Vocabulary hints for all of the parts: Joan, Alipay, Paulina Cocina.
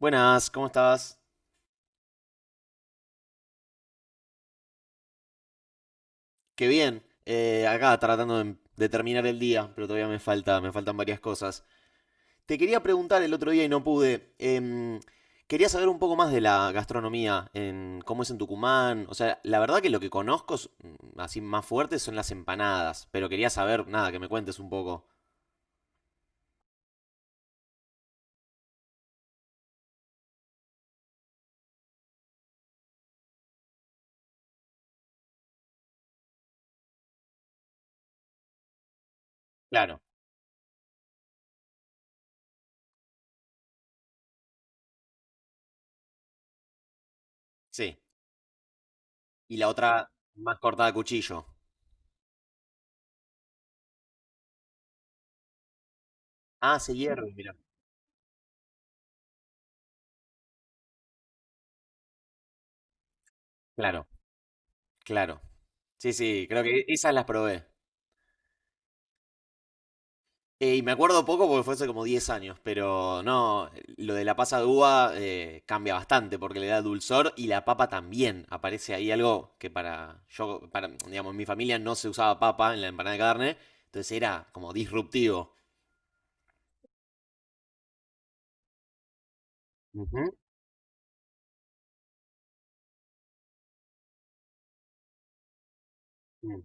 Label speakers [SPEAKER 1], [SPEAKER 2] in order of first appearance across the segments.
[SPEAKER 1] Buenas, ¿cómo estás? Qué bien. Acá tratando de terminar el día, pero todavía me faltan varias cosas. Te quería preguntar el otro día y no pude. Quería saber un poco más de la gastronomía, en cómo es en Tucumán. O sea, la verdad que lo que conozco así más fuerte son las empanadas, pero quería saber, nada, que me cuentes un poco. Claro, sí. Y la otra más cortada a cuchillo. Ah, se hierve, mira. Claro, claro. Sí, sí, creo que esas las probé. Y me acuerdo poco porque fue hace como 10 años, pero no, lo de la pasa de uva cambia bastante porque le da dulzor y la papa también. Aparece ahí algo que para, digamos, en mi familia no se usaba papa en la empanada de carne, entonces era como disruptivo. Ujú, mm.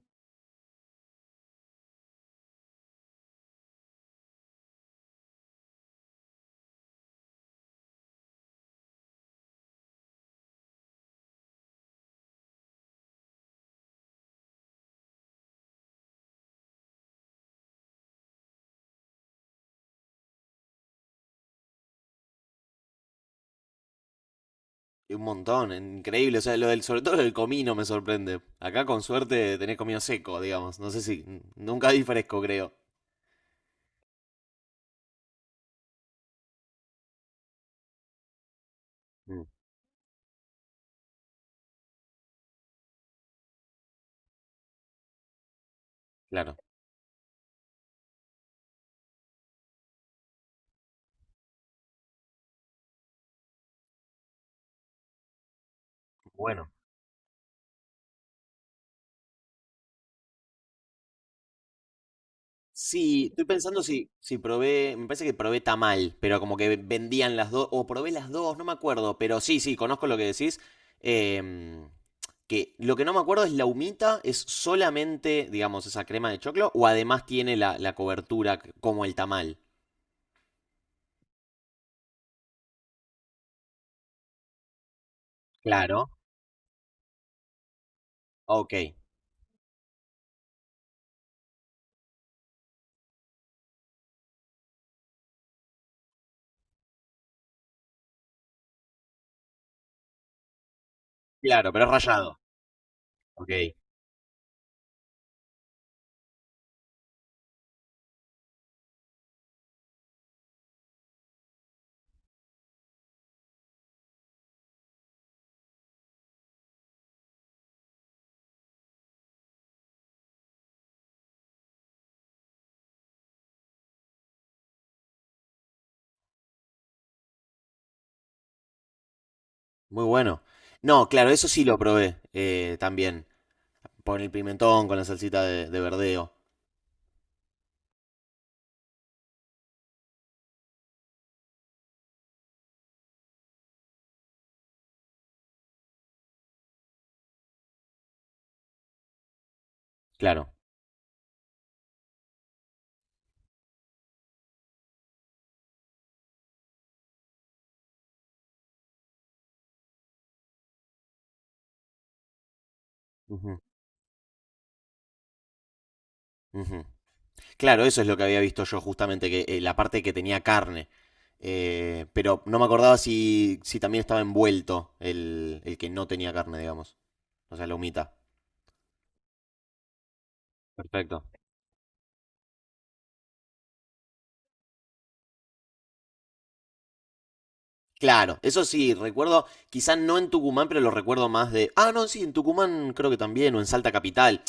[SPEAKER 1] Y un montón, increíble. O sea, lo del, sobre todo lo del comino me sorprende. Acá con suerte tenés comino seco, digamos. No sé si, nunca di fresco, creo. Mm, claro. Bueno, sí, estoy pensando si, probé, me parece que probé tamal, pero como que vendían las dos, o probé las dos, no me acuerdo, pero sí, sí, conozco lo que decís. em, que lo que no me acuerdo es la humita, es solamente, digamos, esa crema de choclo, o además tiene la cobertura como el tamal. Claro. Ok, claro, pero es rallado. Ok, muy bueno. No, claro, eso sí lo probé también, con el pimentón, con la salsita de verdeo. Claro. Ujú, ujú. Claro, eso es lo que había visto yo justamente, que la parte que tenía carne. Pero no me acordaba si, también estaba envuelto el que no tenía carne, digamos. O sea, la humita. Perfecto. Claro, eso sí, recuerdo, quizás no en Tucumán, pero lo recuerdo más de. Ah, no, sí, en Tucumán creo que también, o en Salta Capital.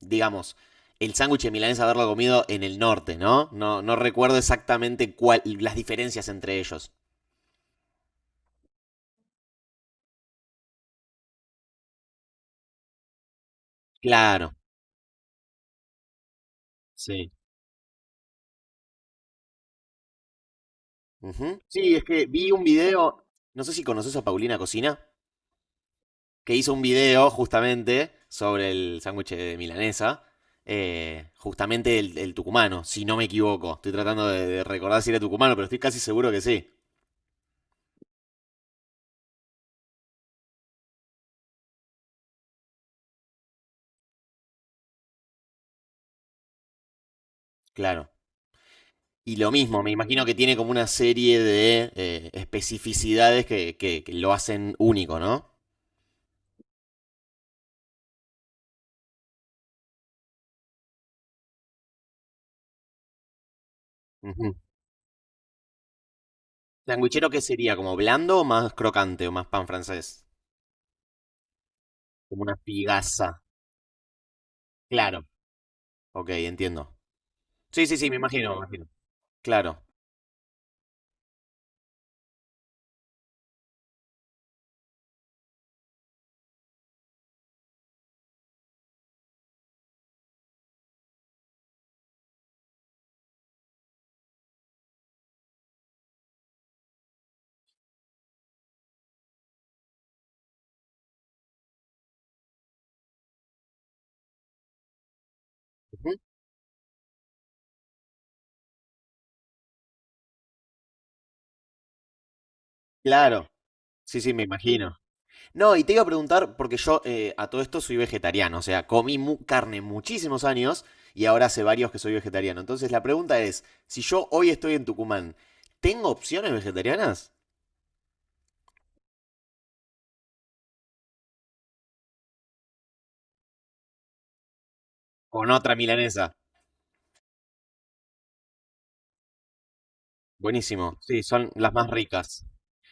[SPEAKER 1] Digamos, el sándwich de milanesa haberlo comido en el norte, ¿no? No, no recuerdo exactamente cuál, las diferencias entre ellos. Claro. Sí. Ujú. Sí, es que vi un video, no sé si conoces a Paulina Cocina, que hizo un video justamente sobre el sándwich de milanesa, justamente el tucumano, si no me equivoco. Estoy tratando de recordar si era tucumano, pero estoy casi seguro que sí. Claro. Y lo mismo, me imagino que tiene como una serie de especificidades que, que lo hacen único, ¿no? Ujú. ¿Sanguichero qué sería? ¿Como blando o más crocante o más pan francés? Como una pigaza. Claro. Ok, entiendo. Sí, sí, sí, me imagino, me imagino. Claro, ujú. Claro. Sí, sí, me imagino. No, y te iba a preguntar, porque yo a todo esto soy vegetariano, o sea, comí carne muchísimos años y ahora hace varios que soy vegetariano. Entonces la pregunta es, si yo hoy estoy en Tucumán, ¿tengo opciones vegetarianas? Con otra milanesa. Buenísimo. Sí, son las más ricas.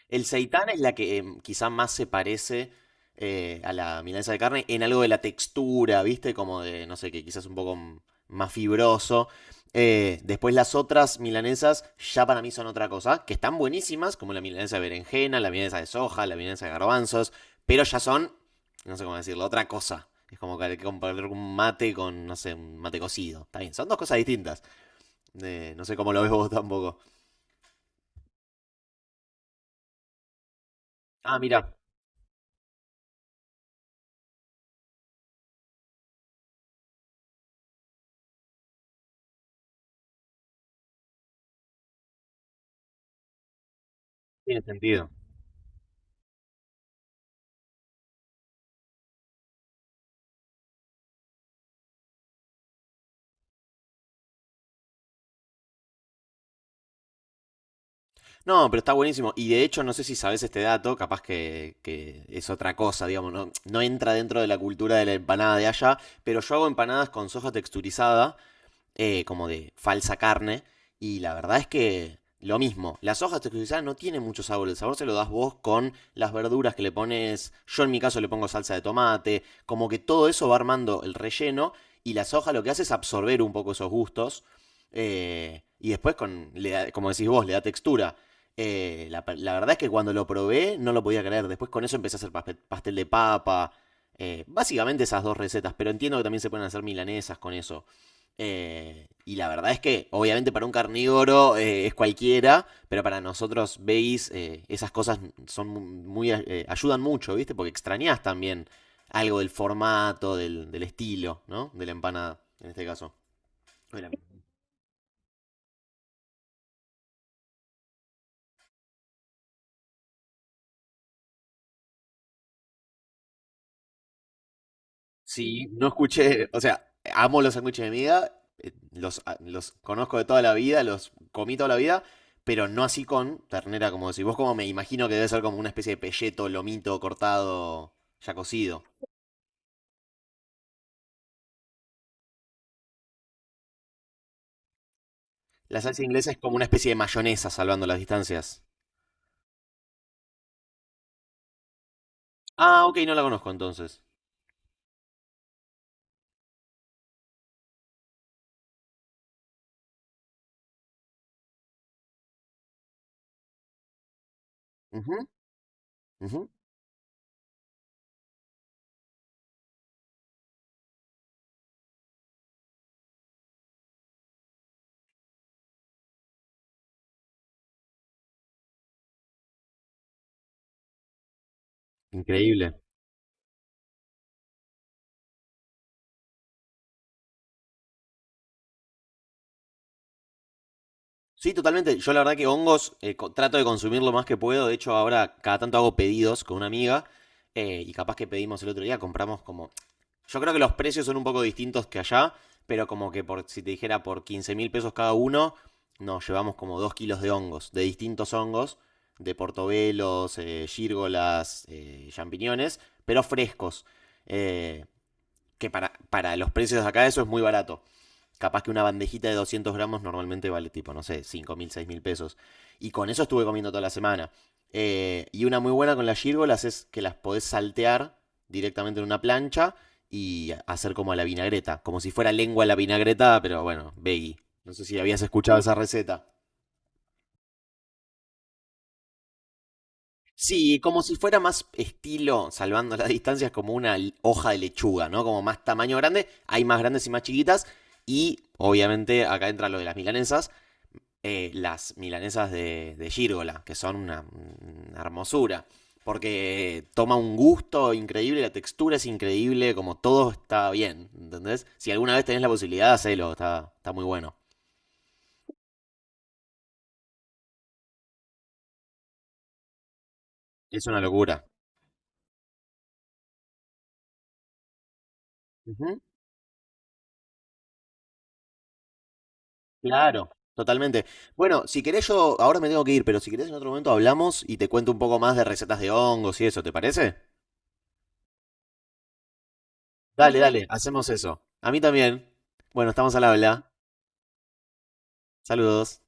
[SPEAKER 1] El seitán es la que quizá más se parece a la milanesa de carne en algo de la textura, ¿viste? Como de, no sé, que quizás un poco más fibroso. Después las otras milanesas ya para mí son otra cosa, que están buenísimas, como la milanesa de berenjena, la milanesa de soja, la milanesa de garbanzos, pero ya son, no sé cómo decirlo, otra cosa. Es como que hay que comparar un mate con, no sé, un mate cocido. Está bien, son dos cosas distintas. No sé cómo lo ves vos tampoco. Ah, mira, tiene sentido. No, pero está buenísimo. Y de hecho, no sé si sabes este dato, capaz que, es otra cosa, digamos, no, no entra dentro de la cultura de la empanada de allá, pero yo hago empanadas con soja texturizada como de falsa carne. Y la verdad es que lo mismo, las hojas texturizadas no tienen mucho sabor, el sabor se lo das vos con las verduras que le pones, yo en mi caso le pongo salsa de tomate, como que todo eso va armando el relleno y la soja lo que hace es absorber un poco esos gustos y después, como decís vos, le da textura. La verdad es que cuando lo probé no lo podía creer, después con eso empecé a hacer pastel de papa, básicamente esas dos recetas, pero entiendo que también se pueden hacer milanesas con eso. Y la verdad es que, obviamente, para un carnívoro es cualquiera, pero para nosotros veis, esas cosas son muy, ayudan mucho, ¿viste? Porque extrañas también algo del formato, del estilo, ¿no? De la empanada, en este caso. Bueno, sí, no escuché, o sea, amo los sándwiches de miga, los, los conozco de toda la vida, los comí toda la vida, pero no así con ternera, como decís. Vos como me imagino que debe ser como una especie de pelleto, lomito cortado, ya cocido. La salsa inglesa es como una especie de mayonesa salvando las distancias. Ah, ok, no la conozco entonces. Ujú, ujú. Increíble. Sí, totalmente. Yo la verdad que hongos trato de consumir lo más que puedo. De hecho, ahora cada tanto hago pedidos con una amiga y capaz que pedimos el otro día, compramos como. Yo creo que los precios son un poco distintos que allá, pero como que por, si te dijera por 15 mil pesos cada uno, nos llevamos como 2 kilos de hongos, de distintos hongos, de portobelos, gírgolas, champiñones, pero frescos. Eh, que para los precios de acá eso es muy barato. Capaz que una bandejita de 200 gramos normalmente vale tipo, no sé, 5.000, 6.000 pesos. Y con eso estuve comiendo toda la semana. Y una muy buena con las gírgolas es que las podés saltear directamente en una plancha y hacer como a la vinagreta. Como si fuera lengua a la vinagreta, pero bueno, veggie. No sé si habías escuchado esa receta. Sí, como si fuera más estilo, salvando las distancias, como una hoja de lechuga, ¿no? Como más tamaño grande, hay más grandes y más chiquitas. Y obviamente acá entra lo de las milanesas de Gírgola, que son una hermosura. Porque toma un gusto increíble, la textura es increíble, como todo está bien, ¿entendés? Si alguna vez tenés la posibilidad, hacelo, está, está muy bueno. Es una locura. Ujú, claro, totalmente. Bueno, si querés yo, ahora me tengo que ir, pero si querés en otro momento hablamos y te cuento un poco más de recetas de hongos y eso, ¿te parece? Dale, dale, hacemos eso. A mí también. Bueno, estamos al habla. Saludos.